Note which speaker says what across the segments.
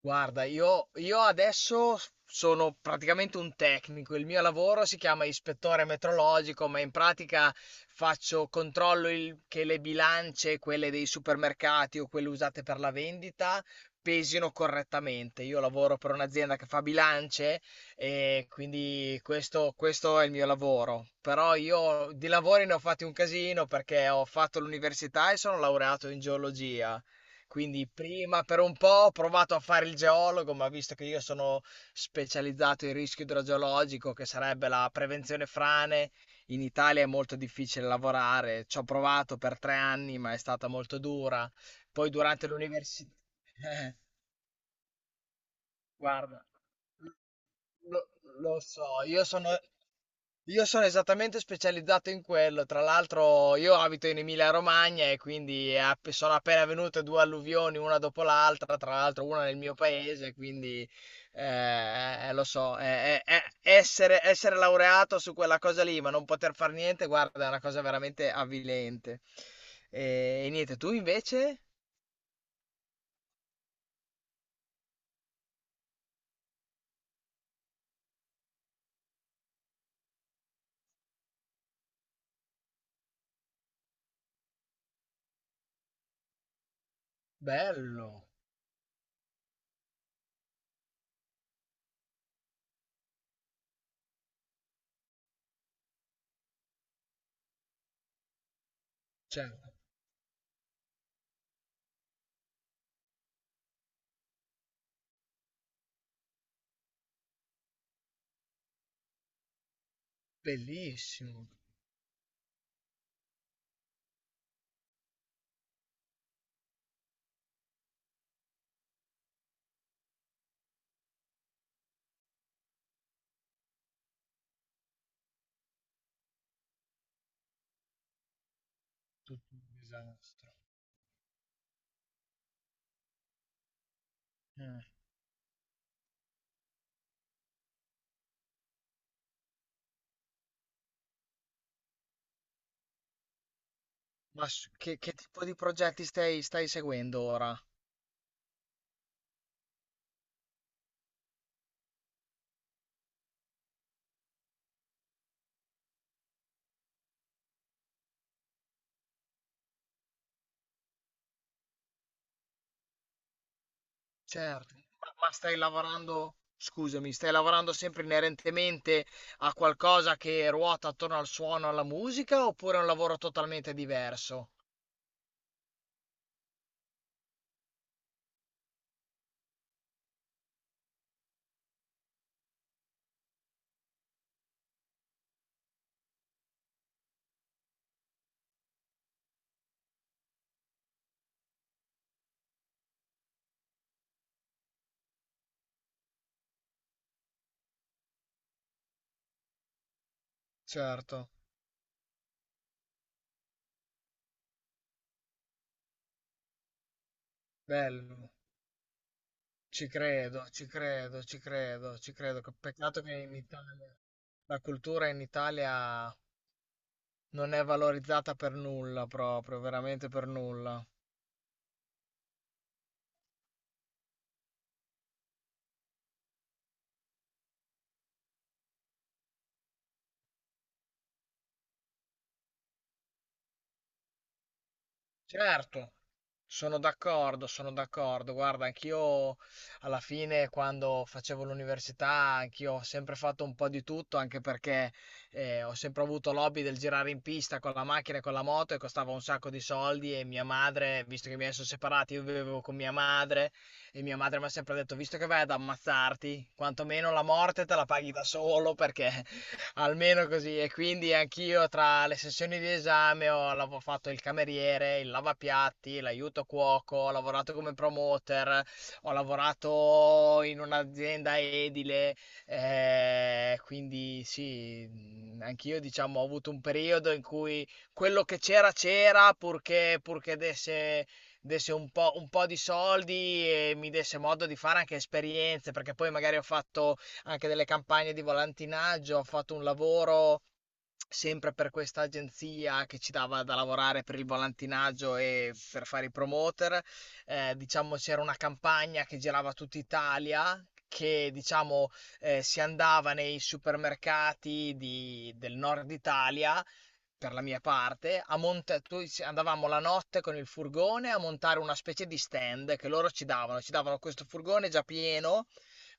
Speaker 1: Guarda, io adesso s sono praticamente un tecnico. Il mio lavoro si chiama ispettore metrologico, ma in pratica faccio controllo il che le bilance, quelle dei supermercati o quelle usate per la vendita, pesino correttamente. Io lavoro per un'azienda che fa bilance e quindi questo è il mio lavoro. Però io di lavori ne ho fatti un casino perché ho fatto l'università e sono laureato in geologia. Quindi prima per un po' ho provato a fare il geologo, ma visto che io sono specializzato in rischio idrogeologico, che sarebbe la prevenzione frane, in Italia è molto difficile lavorare. Ci ho provato per 3 anni, ma è stata molto dura. Poi durante l'università. Guarda, lo, lo so, io sono esattamente specializzato in quello. Tra l'altro, io abito in Emilia-Romagna e quindi sono appena venute 2 alluvioni una dopo l'altra. Tra l'altro, una nel mio paese, quindi lo so. Essere laureato su quella cosa lì, ma non poter fare niente, guarda, è una cosa veramente avvilente. E niente, tu invece? Bello, cioè, bellissimo. Tutto un disastro. Mm. Ma che tipo di progetti stai seguendo ora? Certo. Ma stai lavorando, scusami, stai lavorando sempre inerentemente a qualcosa che ruota attorno al suono, alla musica, oppure è un lavoro totalmente diverso? Certo, bello, ci credo, ci credo, ci credo, ci credo. Che peccato che in Italia la cultura in Italia non è valorizzata per nulla, proprio, veramente per nulla. Certo, sono d'accordo, sono d'accordo. Guarda, anch'io alla fine quando facevo l'università, anch'io ho sempre fatto un po' di tutto, anche perché ho sempre avuto l'hobby del girare in pista con la macchina e con la moto e costava un sacco di soldi e mia madre, visto che mi sono separati, io vivevo con mia madre e mia madre mi ha sempre detto, visto che vai ad ammazzarti, quantomeno la morte te la paghi da solo perché almeno così. E quindi anch'io tra le sessioni di esame fatto il cameriere, il lavapiatti, l'aiuto cuoco, ho lavorato come promoter, ho lavorato in un'azienda edile, quindi sì, anch'io diciamo ho avuto un periodo in cui quello che c'era c'era purché desse un po' di soldi e mi desse modo di fare anche esperienze, perché poi magari ho fatto anche delle campagne di volantinaggio, ho fatto un lavoro sempre per questa agenzia che ci dava da lavorare per il volantinaggio e per fare i promoter. Diciamo c'era una campagna che girava tutta Italia. Che diciamo si andava nei supermercati del nord Italia, per la mia parte, a monta- tu- ci- andavamo la notte con il furgone a montare una specie di stand che loro ci davano. Ci davano questo furgone già pieno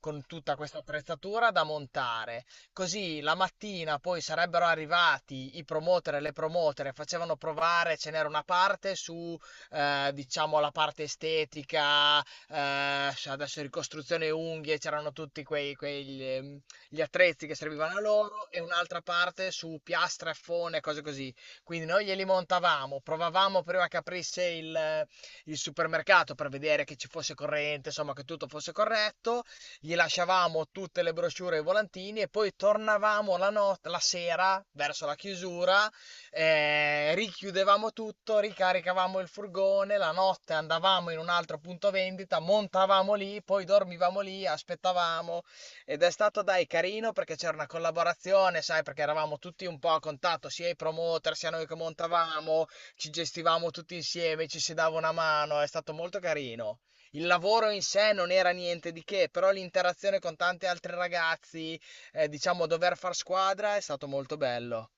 Speaker 1: con tutta questa attrezzatura da montare. Così la mattina poi sarebbero arrivati i promoter e le promotere, facevano provare, ce n'era una parte su, diciamo, la parte estetica, adesso ricostruzione unghie, c'erano tutti quegli, gli attrezzi che servivano a loro e un'altra parte su piastre, fone, cose così. Quindi noi glieli montavamo, provavamo prima che aprisse il supermercato per vedere che ci fosse corrente, insomma che tutto fosse corretto. Gli lasciavamo tutte le brochure e i volantini e poi tornavamo la, not- la sera verso la chiusura, richiudevamo tutto, ricaricavamo il furgone, la notte andavamo in un altro punto vendita, montavamo lì, poi dormivamo lì, aspettavamo ed è stato dai carino perché c'era una collaborazione, sai, perché eravamo tutti un po' a contatto, sia i promoter, sia noi che montavamo, ci gestivamo tutti insieme, ci si dava una mano, è stato molto carino. Il lavoro in sé non era niente di che, però l'interazione con tanti altri ragazzi, diciamo dover far squadra è stato molto bello.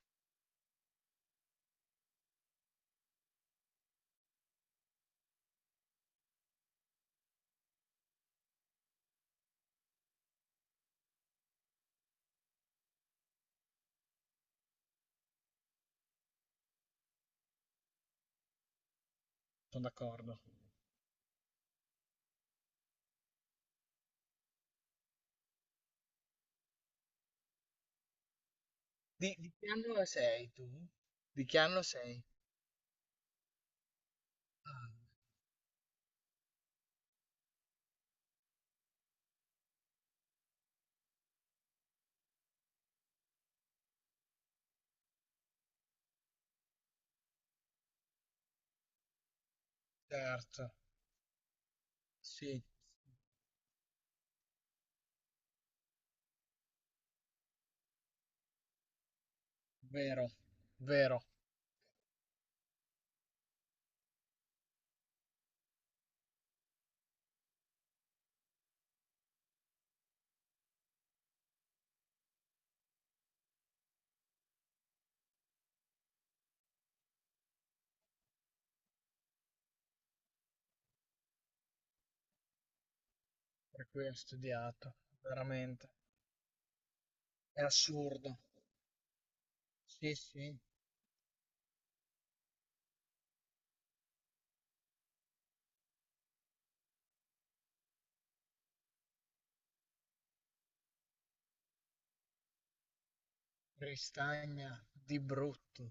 Speaker 1: Sono d'accordo. Di che anno sei tu? Di che anno sei? Ah, certo, sì, vero, vero, per cui ho studiato, veramente. È assurdo. Sì, sì, ristagna di brutto.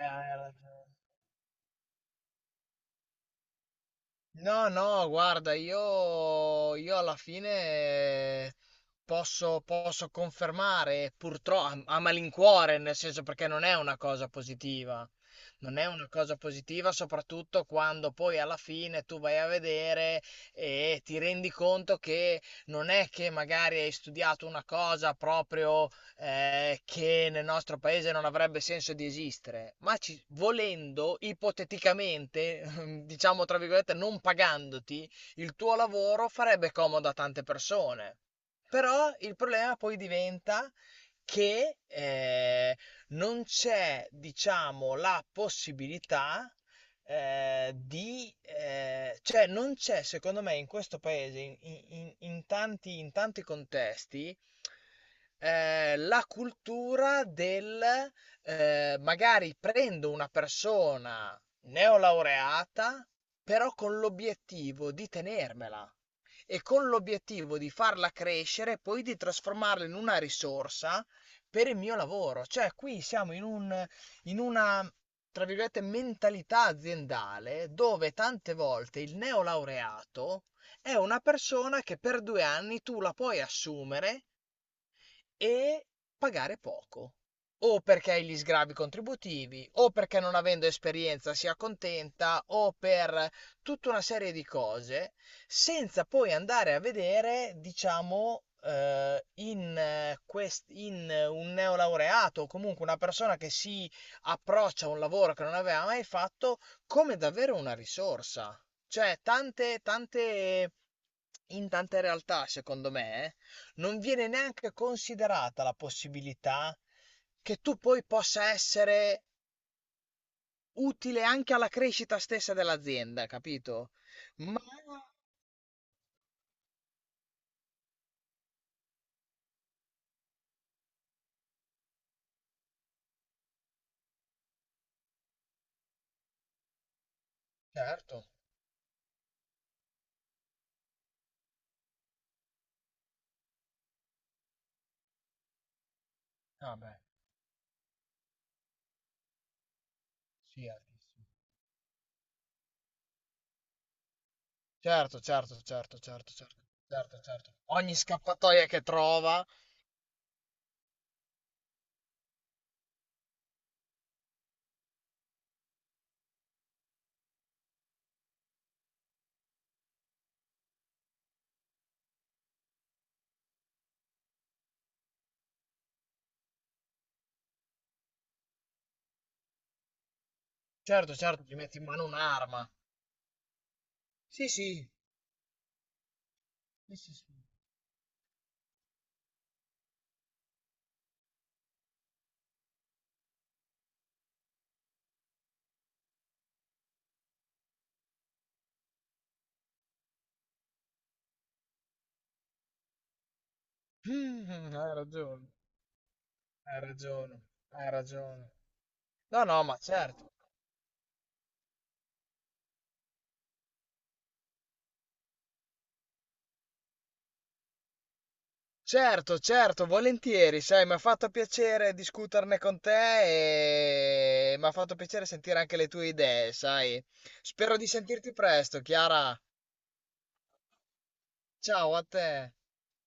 Speaker 1: Hai ragione. No, no, guarda, io alla fine posso confermare, purtroppo, a malincuore, nel senso perché non è una cosa positiva. Non è una cosa positiva, soprattutto quando poi alla fine tu vai a vedere e ti rendi conto che non è che magari hai studiato una cosa proprio che nel nostro paese non avrebbe senso di esistere, ma volendo, ipoteticamente, diciamo tra virgolette, non pagandoti, il tuo lavoro farebbe comodo a tante persone. Però il problema poi diventa che non c'è, diciamo, la possibilità cioè non c'è, secondo me, in questo paese, in tanti contesti, la cultura del magari prendo una persona neolaureata, però con l'obiettivo di tenermela e con l'obiettivo di farla crescere e poi di trasformarla in una risorsa per il mio lavoro. Cioè, qui siamo in una, tra virgolette, mentalità aziendale dove tante volte il neolaureato è una persona che per 2 anni tu la puoi assumere e pagare poco. O perché hai gli sgravi contributivi, o perché non avendo esperienza si accontenta, o per tutta una serie di cose, senza poi andare a vedere, diciamo, in, quest- in un neolaureato o comunque una persona che si approccia a un lavoro che non aveva mai fatto come davvero una risorsa. Cioè, tante, tante, in tante realtà, secondo me, non viene neanche considerata la possibilità che tu poi possa essere utile anche alla crescita stessa dell'azienda, capito? Ma certo, vabbè, sì, altissimo. Certo, certo, certo, certo, certo. Certo, certo. Ogni scappatoia che trova, certo, certo, gli metti in mano un'arma. Sì, sì. Sì, sì, sì. Mm, hai ragione, hai ragione, hai ragione. No, no, ma certo. Certo, certo, volentieri, sai, mi ha fatto piacere discuterne con te e mi ha fatto piacere sentire anche le tue idee, sai. Spero di sentirti presto, Chiara. Ciao a te.